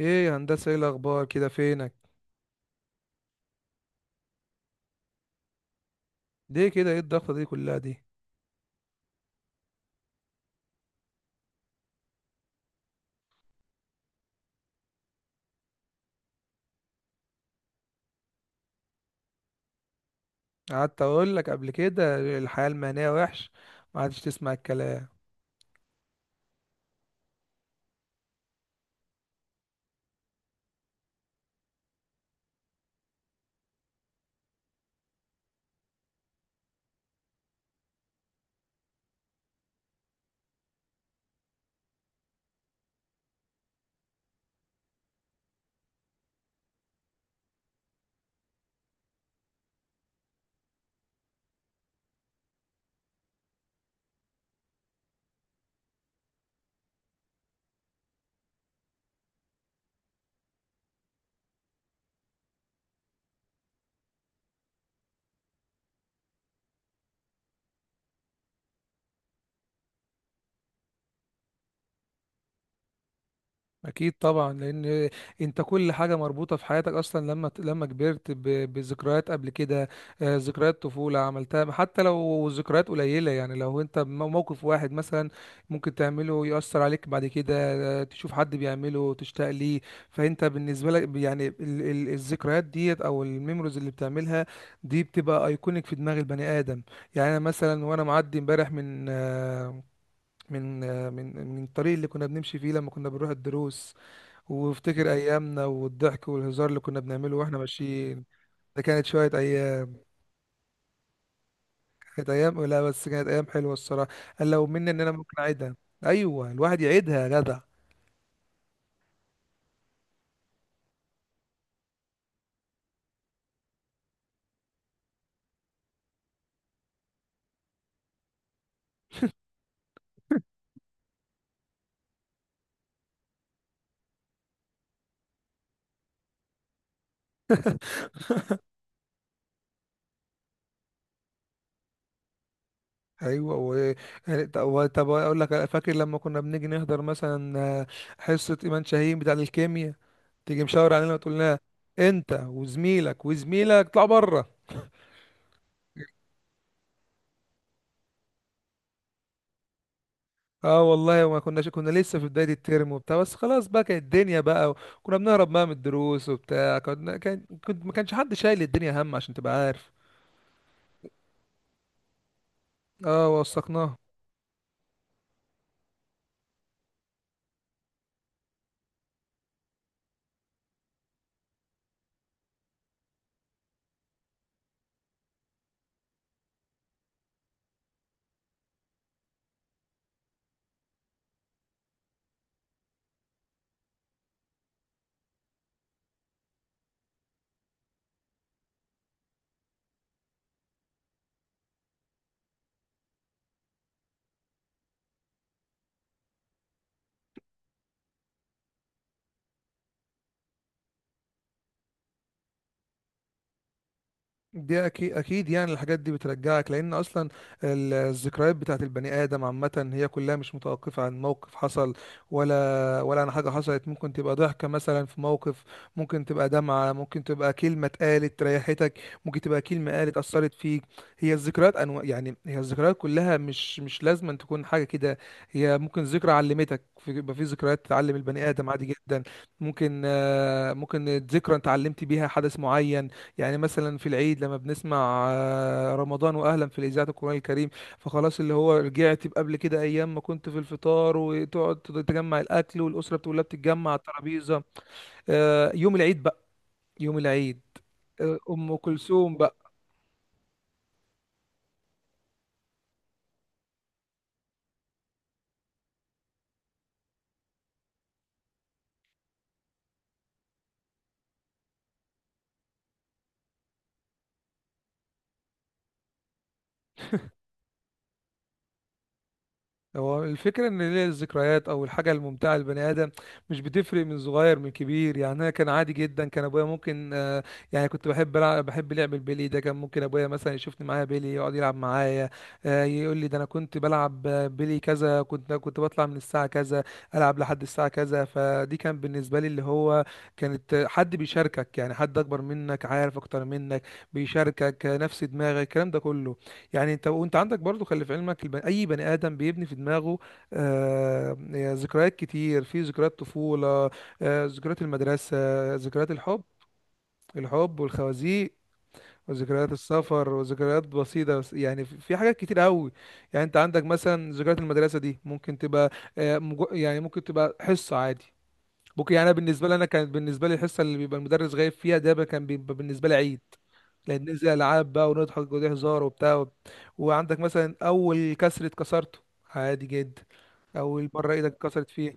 ايه يا هندسه، ايه الاخبار كده؟ فينك؟ ليه كده؟ ايه الضغطه دي كلها دي؟ قعدت اقول لك قبل كده الحياه المهنيه وحش. ما عادش تسمع الكلام. اكيد طبعا، لان انت كل حاجه مربوطه في حياتك اصلا لما كبرت بذكريات قبل كده. ذكريات طفوله عملتها حتى لو ذكريات قليله. يعني لو انت موقف واحد مثلا ممكن تعمله يؤثر عليك بعد كده. تشوف حد بيعمله تشتاق ليه. فانت بالنسبه لك يعني الذكريات ديت او الميموريز اللي بتعملها دي بتبقى ايكونيك في دماغ البني ادم. يعني انا مثلا وانا معدي امبارح من من الطريق اللي كنا بنمشي فيه لما كنا بنروح الدروس، وافتكر ايامنا والضحك والهزار اللي كنا بنعمله واحنا ماشيين. ده كانت شويه ايام. كانت ايام، لا بس كانت ايام حلوه الصراحه. قال لو مني ان انا ممكن اعيدها. ايوه الواحد يعيدها يا جدع. ايوه و... يعني طب اقول لك، فاكر لما كنا بنيجي نحضر مثلا حصه ايمان شاهين بتاع الكيمياء؟ تيجي مشاور علينا وتقول لنا انت وزميلك وزميلك اطلعوا بره. اه والله ما كناش، كنا لسه في بداية الترم وبتاع، بس خلاص بقى كانت الدنيا بقى. كنا بنهرب بقى من الدروس وبتاع، كنا كان كنت ما كانش حد شايل الدنيا هم، عشان تبقى عارف. اه وثقناها. دي اكيد اكيد، يعني الحاجات دي بترجعك لان اصلا الذكريات بتاعت البني ادم عامه هي كلها مش متوقفه عن موقف حصل، ولا عن حاجه حصلت. ممكن تبقى ضحكه مثلا في موقف، ممكن تبقى دمعه، ممكن تبقى كلمه اتقالت ريحتك، ممكن تبقى كلمه قالت اثرت فيك. هي الذكريات انواع، يعني هي الذكريات كلها مش لازم أن تكون حاجه كده. هي ممكن ذكرى علمتك يبقى في ذكريات تعلم البني ادم، عادي جدا. ممكن ممكن ذكرى انت علمت بيها حدث معين. يعني مثلا في العيد لما بنسمع رمضان واهلا في الاذاعه القران الكريم، فخلاص اللي هو رجعت قبل كده، ايام ما كنت في الفطار وتقعد تجمع الاكل، والاسره بتقول لها بتتجمع على الترابيزه. يوم العيد بقى. يوم العيد. ام كلثوم بقى. هو الفكرة إن ليه الذكريات أو الحاجة الممتعة للبني آدم مش بتفرق من صغير من كبير. يعني أنا كان عادي جدا، كان أبويا ممكن يعني كنت بحب ألعب، بحب لعب البيلي، ده كان ممكن أبويا مثلا يشوفني معايا بيلي يقعد يلعب معايا. يقول لي ده أنا كنت بلعب بيلي كذا، كنت بطلع من الساعة كذا ألعب لحد الساعة كذا. فدي كان بالنسبة لي اللي هو كانت حد بيشاركك، يعني حد أكبر منك عارف أكتر منك بيشاركك نفس دماغك، الكلام ده كله. يعني انت وانت عندك برضو، خلي في علمك اي بني ادم بيبني في دماغه آه... ذكريات كتير. في ذكريات طفولة، ذكريات المدرسة، ذكريات الحب، الحب والخوازيق، وذكريات السفر، وذكريات بسيطة، بس يعني في في حاجات كتير قوي. يعني انت عندك مثلا ذكريات المدرسة دي ممكن تبقى يعني ممكن تبقى حصة عادي. ممكن يعني أنا بالنسبة لي، انا كانت بالنسبة لي الحصة اللي بيبقى المدرس غايب فيها، ده بقى كان بيبقى بالنسبة لي عيد، لان زي العاب بقى ونضحك ودي هزار وبتاع. وعندك مثلا اول كسر اتكسرته، عادي جدا، اول مره ايدك اتكسرت فيها.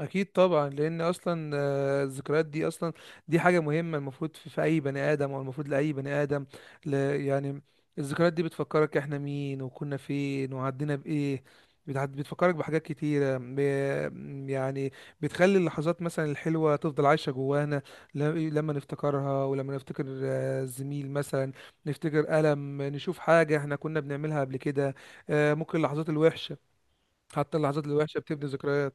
اكيد طبعا، لان اصلا الذكريات دي اصلا دي حاجه مهمه المفروض في, في اي بني ادم او المفروض لاي بني ادم، يعني الذكريات دي بتفكرك احنا مين وكنا فين وعدينا بايه. بتفكرك بحاجات كتيرة يعني بتخلي اللحظات مثلا الحلوة تفضل عايشة جوانا. ل... لما نفتكرها، ولما نفتكر الزميل مثلا، نفتكر ألم، نشوف حاجة احنا كنا بنعملها قبل كده. ممكن اللحظات الوحشة، حتى اللحظات الوحشة بتبني ذكريات.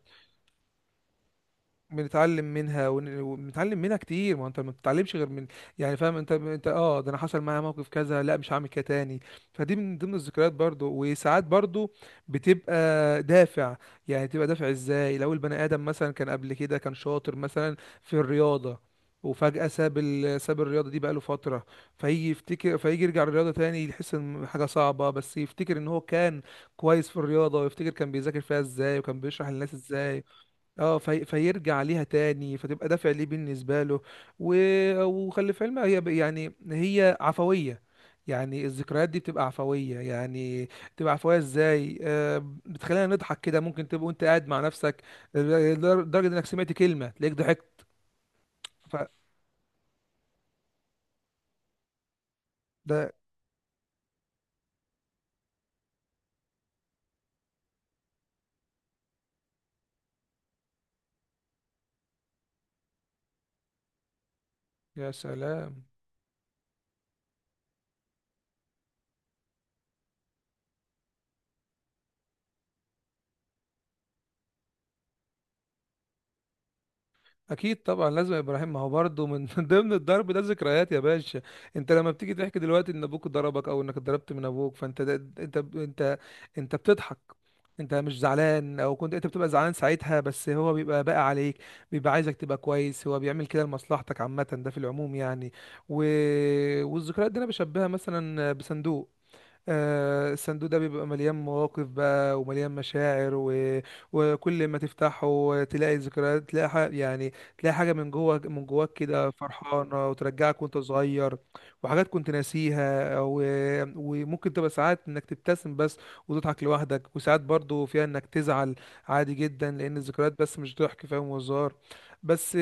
بنتعلم منها وبنتعلم منها كتير، ما انت ما بتتعلمش غير من، يعني فاهم انت، انت، ده انا حصل معايا موقف كذا، لا مش هعمل كده تاني. فدي من ضمن الذكريات برضو. وساعات برضو بتبقى دافع. يعني تبقى دافع ازاي؟ لو البني ادم مثلا كان قبل كده كان شاطر مثلا في الرياضة، وفجأة ساب الرياضة دي بقاله فترة، فيجي يرجع للرياضة تاني، يحس ان حاجة صعبة، بس يفتكر ان هو كان كويس في الرياضة، ويفتكر كان بيذاكر فيها ازاي وكان بيشرح للناس ازاي. فيرجع ليها تاني، فتبقى دافع ليه بالنسبة له. و... وخلي في علمها، يعني هي عفوية. يعني الذكريات دي بتبقى عفوية. يعني بتبقى عفوية ازاي؟ آه، بتخلينا نضحك كده، ممكن تبقى وانت قاعد مع نفسك لدرجة انك سمعت كلمة تلاقيك ضحكت. فده يا سلام، اكيد طبعا. لازم يا ابراهيم، ما هو برضه من ضمن الضرب ده ذكريات يا باشا. انت لما بتيجي تحكي دلوقتي ان ابوك ضربك او انك اتضربت من ابوك، فانت ده انت انت انت بتضحك، انت مش زعلان. او كنت انت بتبقى زعلان ساعتها، بس هو بيبقى باقي عليك، بيبقى عايزك تبقى كويس، هو بيعمل كده لمصلحتك عامه، ده في العموم يعني. و... والذكريات دي انا بشبهها مثلا بصندوق. الصندوق ده بيبقى مليان مواقف بقى ومليان مشاعر و... وكل ما تفتحه تلاقي ذكريات، تلاقي حاجة، يعني تلاقي حاجة من جوه، من جواك كده فرحانة، وترجعك وانت صغير، وحاجات كنت ناسيها و... وممكن تبقى ساعات انك تبتسم بس وتضحك لوحدك، وساعات برضو فيها انك تزعل، عادي جدا، لان الذكريات بس مش ضحك فاهم وهزار بس.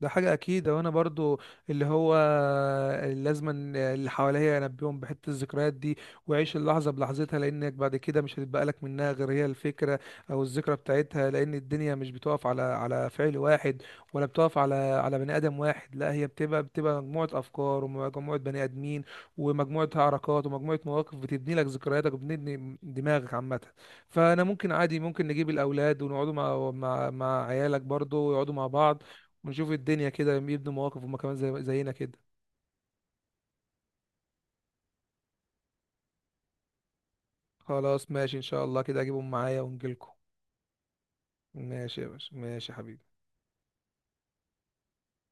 ده حاجة أكيد وأنا برضو اللي هو لازما اللي حواليا أنبيهم بحتة الذكريات دي، وعيش اللحظة بلحظتها، لأنك بعد كده مش هتبقى لك منها غير هي الفكرة أو الذكرى بتاعتها، لأن الدنيا مش بتقف على على فعل واحد، ولا بتقف على على بني آدم واحد، لا هي بتبقى مجموعة أفكار ومجموعة بني آدمين ومجموعة حركات ومجموعة مواقف، بتبني لك ذكرياتك وبتبني دماغك عامة. فأنا ممكن، عادي ممكن نجيب الأولاد ونقعدوا مع عيالك برضو ويقعدوا مع بعض، ونشوف الدنيا كده يبنوا مواقف هما كمان زي زينا كده. خلاص ماشي ان شاء الله، كده اجيبهم معايا ونجيلكم. ماشي يا باشا، ماشي يا حبيبي.